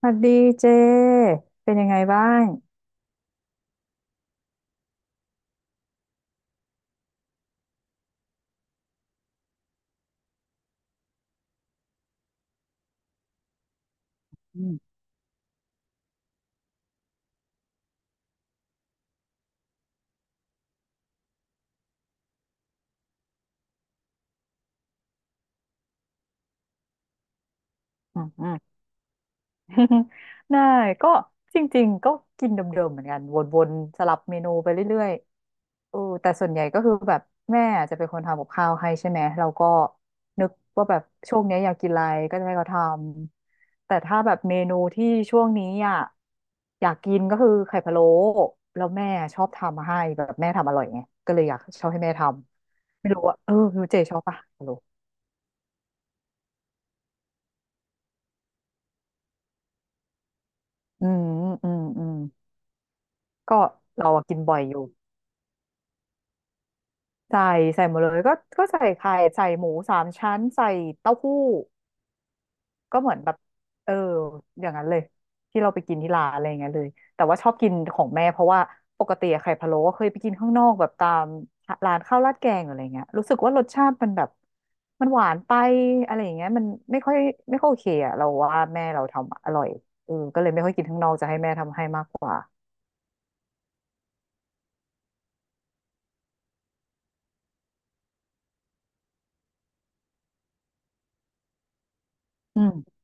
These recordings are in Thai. สวัสดีเจเป็นยังไงบ้างอืมอืมอืม ได้ก็จริงๆก็กินเดิมๆเหมือนกันวนๆสลับเมนูไปเรื่อยๆแต่ส่วนใหญ่ก็คือแบบแม่อาจจะเป็นคนทำกับข้าวให้ใช่ไหมเราก็นึกว่าแบบช่วงเนี้ยอยากกินอะไรก็จะให้เขาทำแต่ถ้าแบบเมนูที่ช่วงนี้อ่ะอยากกินก็คือไข่พะโล้แล้วแม่ชอบทำมาให้แบบแม่ทำอร่อยไงก็เลยอยากชอบให้แม่ทำไม่รู้ว่ารู้เจชอบปะ อืมอืมอืมก็เราอะกินบ่อยอยู่ใส่ใส่หมดเลยก็ก็ใส่ไข่ใส่หมูสามชั้นใส่เต้าหู้ก็เหมือนแบบเอออย่างนั้นเลยที่เราไปกินที่ร้านอะไรอย่างเงี้ยเลยแต่ว่าชอบกินของแม่เพราะว่าปกติอะไข่พะโล้ก็เคยไปกินข้างนอกแบบตามร้านข้าวราดแกงหรืออะไรเงี้ยรู้สึกว่ารสชาติมันแบบมันหวานไปอะไรอย่างเงี้ยมันไม่ค่อยไม่ค่อยโอเคอะเราว่าแม่เราทำอร่อยก็เลยไม่ค่อยกินข้างนอกจะให้แม่ทำให้มากกว่าอืม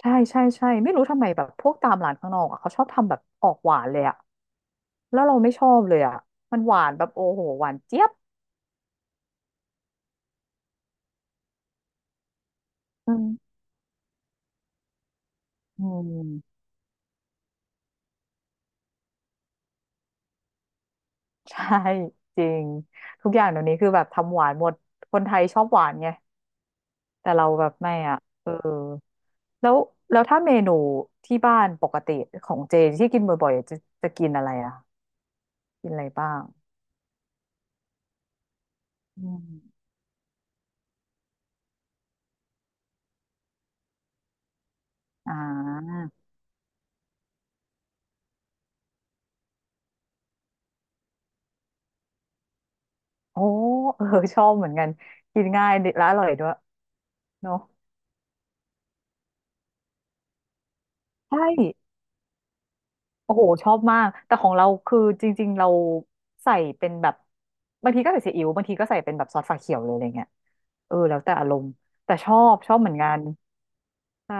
ใช่ใช่ใช่ไม่รู้ทำไมแบบพวกตามร้านข้างนอกอะเขาชอบทำแบบออกหวานเลยอะแล้วเราไม่ชอบเลยอะมันหวานแบบโอ้โหหวานเจี๊ยบอืมอืม ใช่จริงทุกอย่างเดี๋ยวนี้คือแบบทำหวานหมดคนไทยชอบหวานไงแต่เราแบบไม่อ่ะแล้วแล้วถ้าเมนูที่บ้านปกติของเจที่กินบ่อยๆจะจะกินอะไรอะกินอะไรบ้างอืมอ่าโอ้เออ ชอบเหมือนกันกินง่ายและอร่อยด้วยเนาะใช่ โอ้โหชอบมากแต่ของเราคือจริงๆเราใส่เป็นแบบบางทีก็ใส่ซีอิ๊วบางทีก็ใส่เป็นแบบซอสฝาเขียวเลยอะไรเงี้ยแล้วแต่อารมณ์แต่ชอบชอบเหมือนกันใช่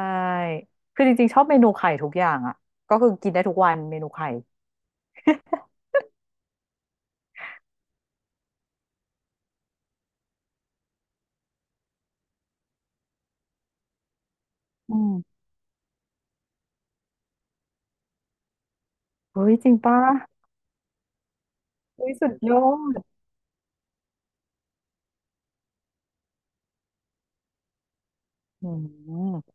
คือจริงๆชอบเมนูไข่ทุกอย่างอ่ะก็คือกินได้ทุกวันเมนูไข่อืมเฮ้ยจริงปะเฮ้ยสุดยอดอืม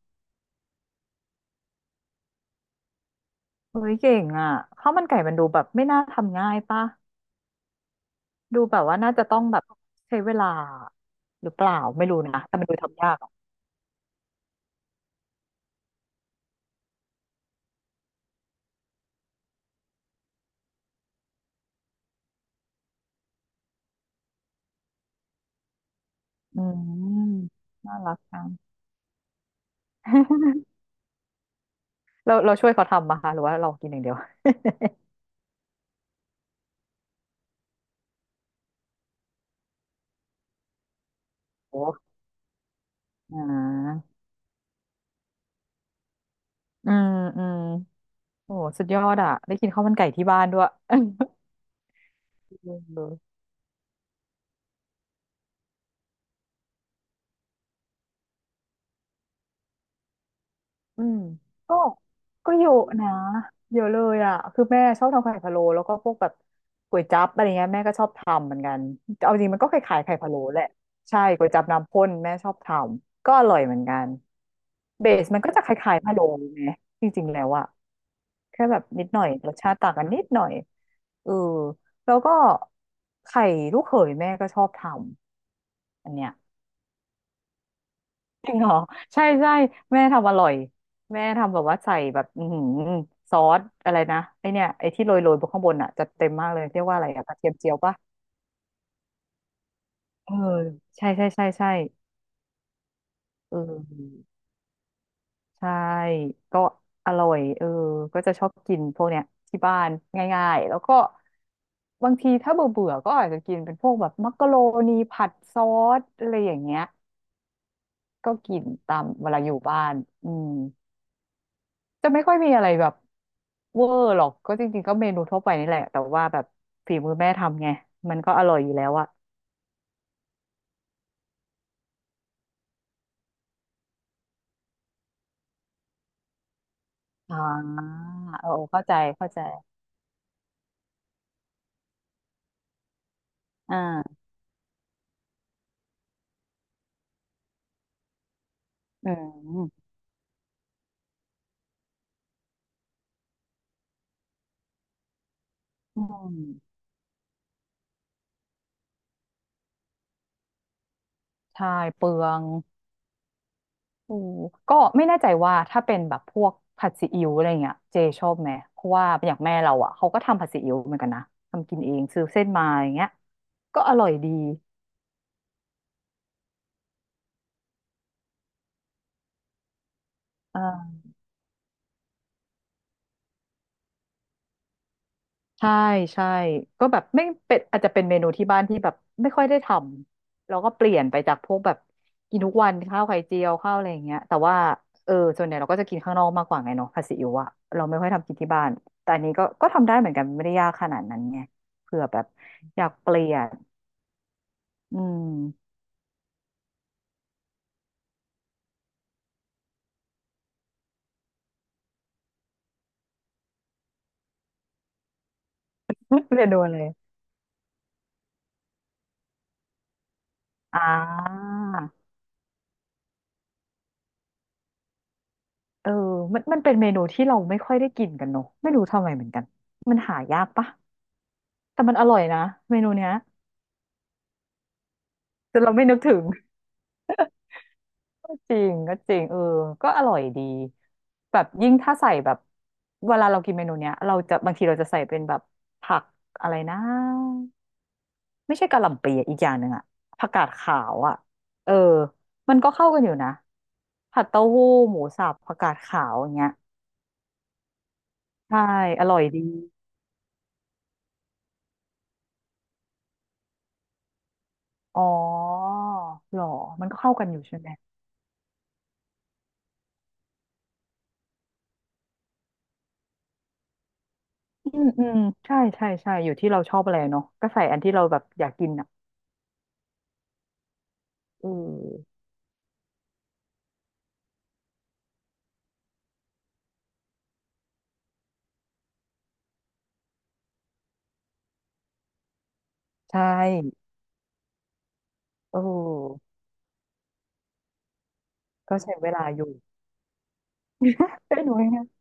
เฮ้ยเก่งอ่ะข้าวมันไก่มันดูแบบไม่น่าทำง่ายปะดูแบบว่าน่าจะต้องแบบใช้เวลาหรือเปล่าไม่รู้นะแต่มันดูทำยากอ่ะอืมน่ารักจัง เราเราช่วยเขาทำมาคะหรือว่าเรากินอย่างเดียวโอ้อ่าอืมอืมโอ้สุดยอดอ่ะได้กินข้าวมันไก่ที่บ้านด้วย เอออืมก็ก็เยอะนะเยอะเลยอ่ะคือแม่ชอบทำไข่พะโล้แล้วก็พวกแบบก๋วยจั๊บอะไรเงี้ยแม่ก็ชอบทำเหมือนกันเอาจริงมันก็คล้ายๆไข่พะโล้แหละใช่ก๋วยจั๊บน้ำข้นแม่ชอบทำก็อร่อยเหมือนกันเบสมันก็จะคล้ายๆพะโล้ไงจริงๆแล้วอ่ะ แค่แบบนิดหน่อยรสชาติต่างกันนิดหน่อยเออแล้วก็ไข่ลูกเขยแม่ก็ชอบทำอันเนี้ยจริงเหรอใช่ใช่แม่ทำอร่อยแม่ทำแบบว่าใส่แบบอือหือซอสอะไรนะไอเนี่ยไอที่โรยโรยบนข้างบนอ่ะจะเต็มมากเลยเรียกว่าอะไรอะกระเทียมเจียวปะเออใช่ใช่ใช่ใช่เออ ใช่ก็อร่อยก็จะชอบกินพวกเนี้ยที่บ้านง่ายๆแล้วก็บางทีถ้าเบื่อเบื่อก็อาจจะกินเป็นพวกแบบมักกะโรนีผัดซอสอะไรอย่างเงี้ยก็กินตามเวลาอยู่บ้านอืมจะไม่ค่อยมีอะไรแบบเวอร์หรอกก็จริงๆก็เมนูทั่วไปนี่แหละแต่ว่าแบบฝีมือแม่ทำไงมันก็อร่อยอยู่แล้วอะอ่าเออเข้าใจเข้าใจอ่าอืมอืมใช่เปลือง โอ้ก็ไม่แน่ใจว่าถ้าเป็นแบบพวกผัดซีอิ๊วอะไรเงี้ยเจชอบไหมเพราะว่าอย่างแม่เราอ่ะเขาก็ทำผัดซีอิ๊วเหมือนกันนะทำกินเองซื้อเส้นมาอย่างเงี้ยก็อร่อยดีอ่าใช่ใช่ก็แบบไม่เป็นอาจจะเป็นเมนูที่บ้านที่แบบไม่ค่อยได้ทำแล้วก็เปลี่ยนไปจากพวกแบบกินทุกวันข้าวไข่เจียวข้าวอะไรอย่างเงี้ยแต่ว่าส่วนใหญ่เราก็จะกินข้างนอกมากกว่าไงเนาะผัดซีอิ๊วอะเราไม่ค่อยทำกินที่บ้านแต่อันนี้ก็ก็ทำได้เหมือนกันไม่ได้ยากขนาดนั้นไงเผื่อแบบอยากเปลี่ยน อืม เมนูอะไรอ่าเออมันมันเป็นเมนูที่เราไม่ค่อยได้กินกันเนอะไม่รู้ทำไมเหมือนกันมันหายากปะแต่มันอร่อยนะเมนูเนี้ยแต่เราไม่นึกถึง ก็จริงก็จริงเออก็อร่อยดีแบบยิ่งถ้าใส่แบบเวลาเรากินเมนูเนี้ยเราจะบางทีเราจะใส่เป็นแบบผักอะไรนะ ไม่ใช่กะหล่ำปีอะอีกอย่างหนึ่งอะผักกาดขาวอะเออมันก็เข้ากันอยู่นะผัดเต้าหู้หมูสับผักกาดขาวอย่างเงี้ยใช่อร่อยดีอ๋อหรอมันก็เข้ากันอยู่ใช่ไหมอืมอืมใช่ใช่ใช่อยู่ที่เราชอบอะไรเนาะก็ใส่อันที่เราแบบอยากกินอะอือใช่โอ้ก็ใช้เวลาอยู่ ได้หนูเองนะ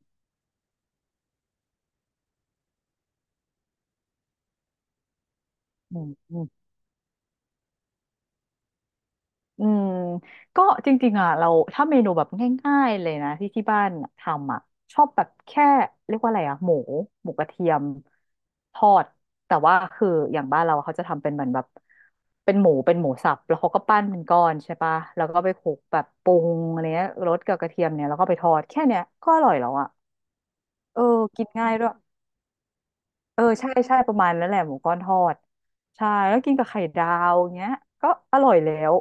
อืมอืม อืมก็จริงๆอ่ะเราถ้าเมนูแบบง่ายๆเลยนะที่บ้านทำอ่ะชอบแบบแค่เรียกว่าอะไรอ่ะหมูหมูกระเทียมทอดแต่ว่าคืออย่างบ้านเราเขาจะทำเป็นเหมือนแบบเป็นหมูสับแล้วเขาก็ปั้นเป็นก้อนใช่ปะแล้วก็ไปคลุกแบบปรุงอะไรเงี้ยรสกับกระเทียมเนี่ยแล้วก็ไปทอดแค่เนี้ยก็อร่อยแล้วอ่ะเออกินง่ายด้วยเออใช่ใช่ประมาณนั้นแหละหมูก้อนทอดใช่แล้วกินกับไข่ดาวเงี้ยก็อร่อยแล้ว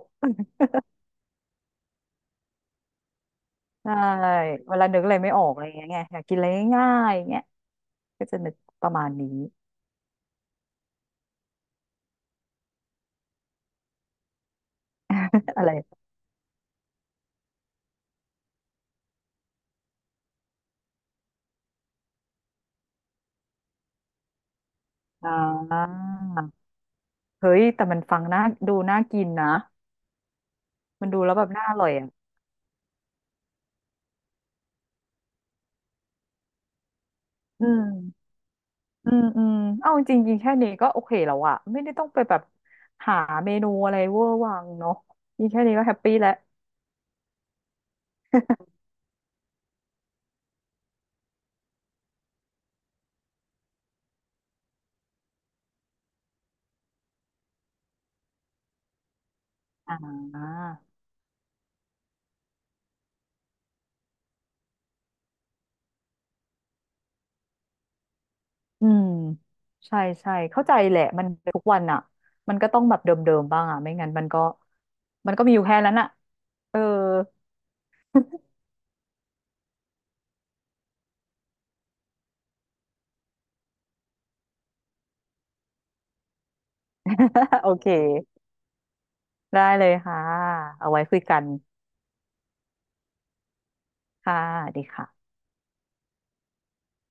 ใช่เวลานึกอะไรไม่ออกอะไรอย่างเงี้ยไงอยากกินอะไรง่ายๆอย่างเงี้ยก็จะนึกประมาณนี้ อะไรอ่าเฮ้ยแต่มันฟังน่าดูน่ากินนะมันดูแล้วแบบน่าอร่อยอ่ะอืมอืมอืมเอาจริงๆกินแค่นี้ก็โอเคแล้วอะไม่ได้ต้องไปแบบหาเมนูอะไรเวอร์วังเนาะกินแค่นี้ก็แฮปปี้แล้วอ่า อืมใช่ใช่เข้าใจแหละมันทุกวันอ่ะมันก็ต้องแบบเดิมๆบ้างอ่ะไม่งั้นมันก็มันก็มีอยู่แค่นั้นอ่ะเออ โอเคได้เลยค่ะเอาไว้คุยกันค่ะสวัสดีค่ะ